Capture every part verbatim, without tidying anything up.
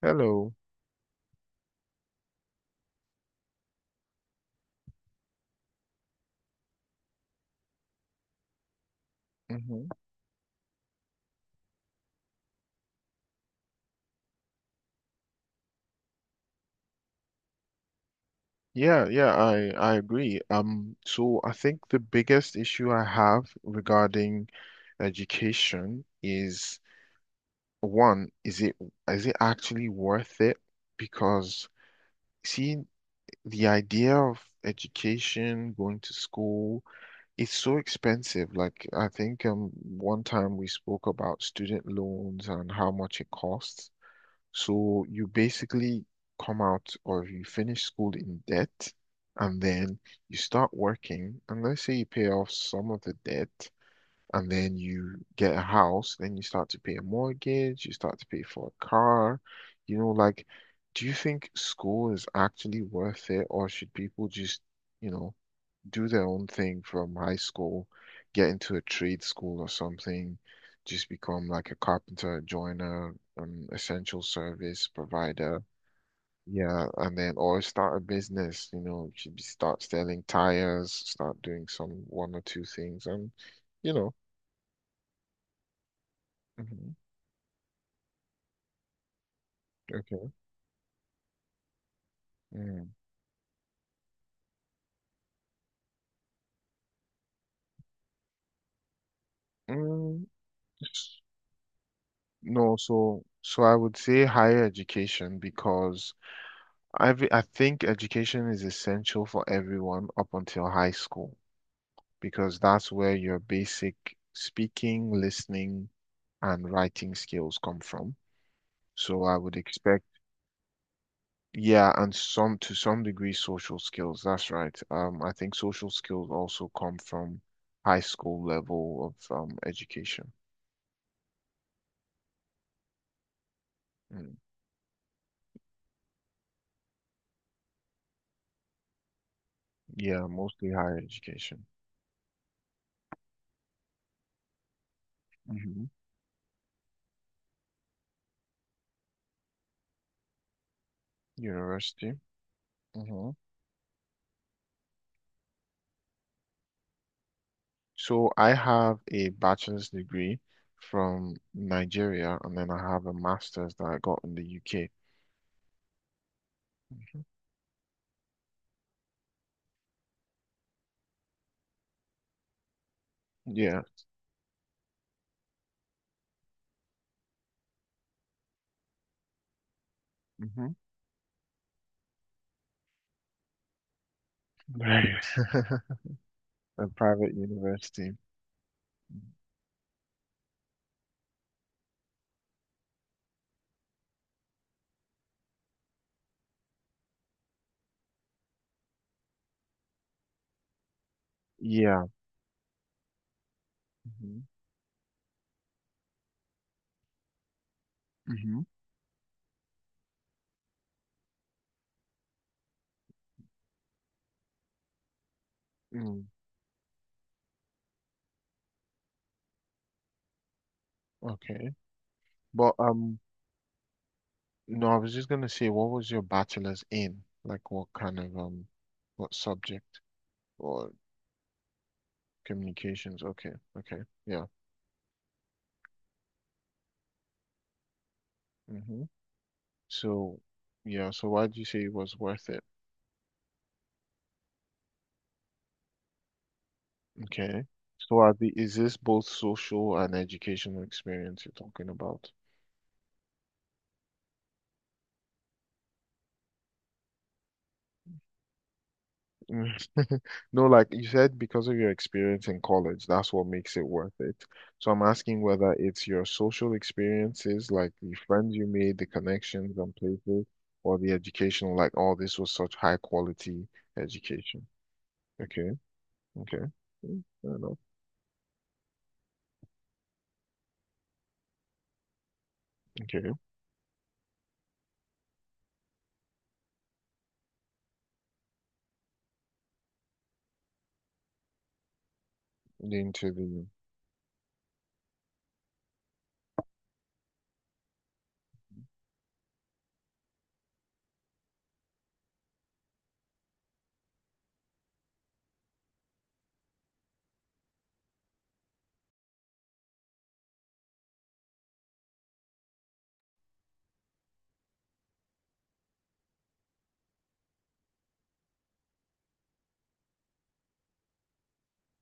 Hello. hmm Yeah, yeah, I I agree. Um, so I think the biggest issue I have regarding education is one, is it is it actually worth it? Because see, the idea of education, going to school, it's so expensive. Like I think um one time we spoke about student loans and how much it costs. So you basically come out or you finish school in debt and then you start working. And let's say you pay off some of the debt and then you get a house, then you start to pay a mortgage, you start to pay for a car. You know, like, do you think school is actually worth it or should people just, you know, do their own thing from high school, get into a trade school or something, just become like a carpenter, joiner, an essential service provider. Yeah, and then or start a business, you know, you should be- start selling tires, start doing some one or two things and you know. Mhm. Okay. Mm. Mm, s- No, so so I would say higher education because I I think education is essential for everyone up until high school. Because that's where your basic speaking, listening, and writing skills come from. So I would expect, yeah, and some to some degree social skills. That's right. Um, I think social skills also come from high school level of um, education. Mm. Yeah, mostly higher education. Hmm. University. Hmm. So I have a bachelor's degree from Nigeria, and then I have a master's that I got in the U K. Mhm. Yeah. Hmm. Right. A private university. Yeah. Hmm. Hmm. Mm, okay. But um, No, I was just gonna say, what was your bachelor's in? Like, what kind of um, what subject or communications? Okay. Okay. Yeah. Hmm. So, yeah. So, why do you say it was worth it? Okay. So, are the is this both social and educational experience you're talking about? Mm. No, like you said, because of your experience in college, that's what makes it worth it. So I'm asking whether it's your social experiences, like the friends you made, the connections and places, or the educational, like, oh, this was such high quality education. Okay, okay. Mm, fair enough. Okay. Into the.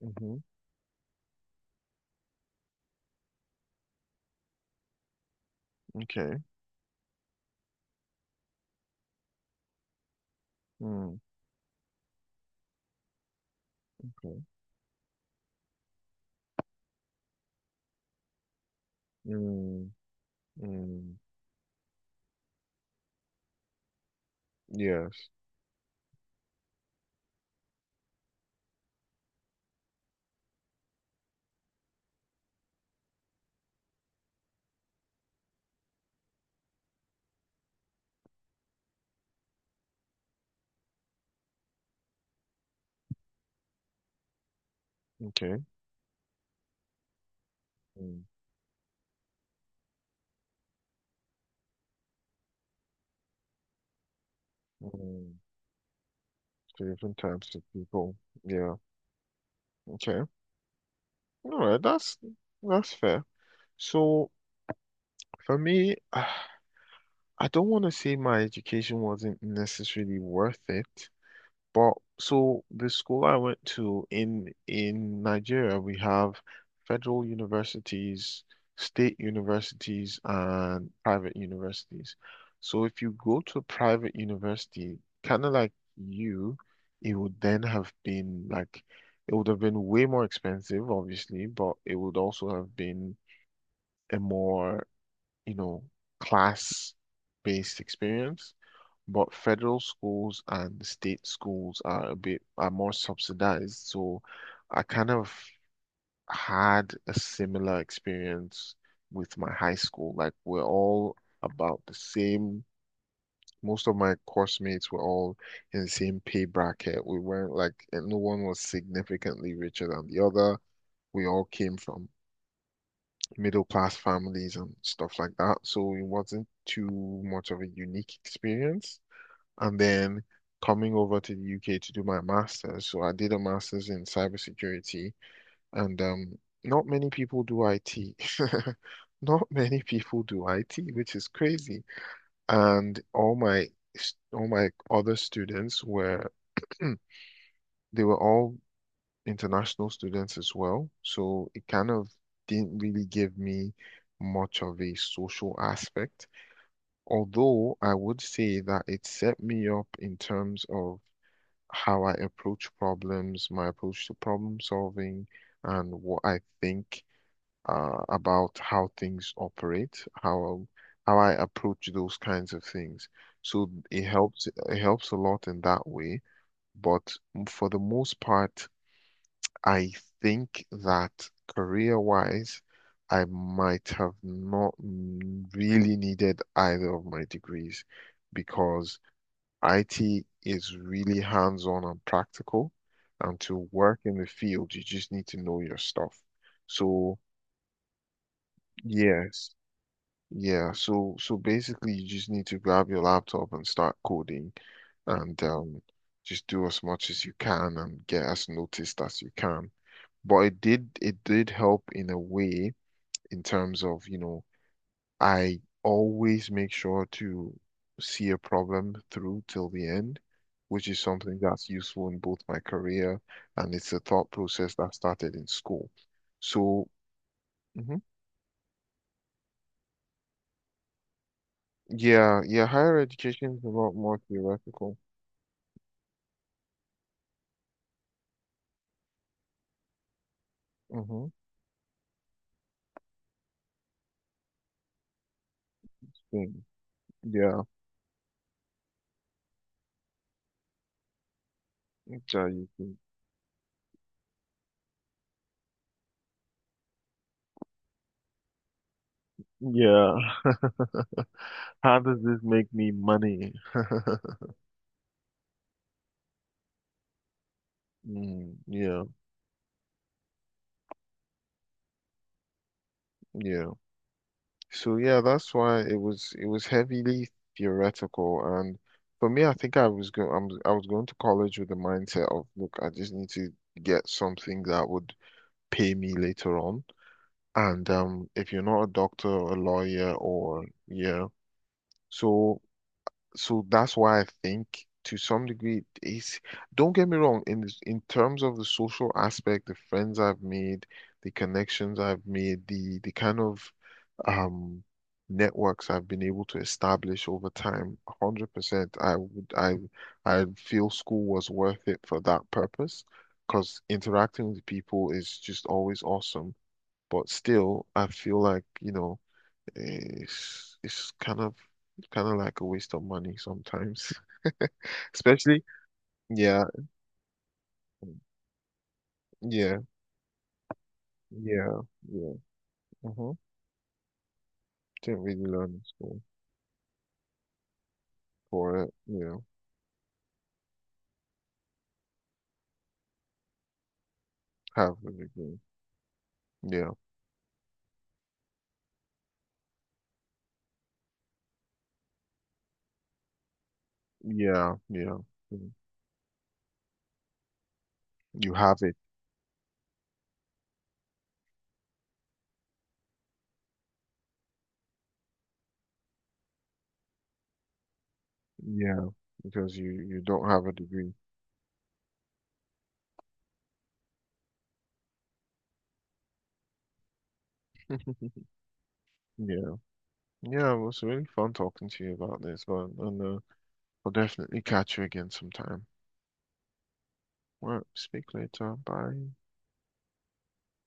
Hmm. Okay. Mm, okay. Mm, mm, yes. Okay. Mm, mm. So different types of people. Yeah. Okay. All right, that's that's fair. So for me, I don't want to say my education wasn't necessarily worth it, but so the school I went to in in Nigeria, we have federal universities, state universities, and private universities. So if you go to a private university, kind of like you, it would then have been like it would have been way more expensive, obviously, but it would also have been a more, you know, class-based experience. But federal schools and state schools are a bit are more subsidized. So I kind of had a similar experience with my high school. Like we're all about the same. Most of my course mates were all in the same pay bracket. We weren't like, and no one was significantly richer than the other. We all came from middle class families and stuff like that. So it wasn't too much of a unique experience. And then coming over to the U K to do my master's. So I did a master's in cybersecurity, and um, not many people do I T. Not many people do I T, which is crazy. And all my all my other students were they were all international students as well. So it kind of didn't really give me much of a social aspect. Although I would say that it set me up in terms of how I approach problems, my approach to problem solving, and what I think uh, about how things operate, how how I approach those kinds of things. So it helps it helps a lot in that way. But for the most part, I think that career-wise, I might have not mm, really needed either of my degrees because I T is really hands-on and practical. And to work in the field, you just need to know your stuff. So, yes, yeah. So, so basically, you just need to grab your laptop and start coding and um, just do as much as you can and get as noticed as you can. But it did it did help in a way in terms of, you know, I always make sure to see a problem through till the end, which is something that's useful in both my career and it's a thought process that started in school. So, mhm. Yeah, yeah, higher education is a lot more theoretical. Mm-hmm. Yeah, exactly. Yeah. How does this make me money? Mm, yeah, yeah. So yeah, that's why it was it was heavily theoretical, and for me, I think I was going I'm I was going to college with the mindset of look, I just need to get something that would pay me later on. And um, if you're not a doctor or a lawyer or yeah, so so that's why I think to some degree it's don't get me wrong in this, in terms of the social aspect, the friends I've made, the connections I've made, the the kind of um networks I've been able to establish over time, one hundred percent, I would I I feel school was worth it for that purpose because interacting with people is just always awesome. But still, I feel like, you know, it's it's kind of kind of like a waste of money sometimes, especially yeah, yeah, yeah, yeah. Mm-hmm. Didn't really learn in school for it, you know, have a degree. Yeah, yeah, yeah. Yeah. You have it. Yeah, because you you don't have a degree. Yeah. Yeah, well, it's really fun talking to you about this, but and uh, I'll definitely catch you again sometime. Well, speak later. Bye.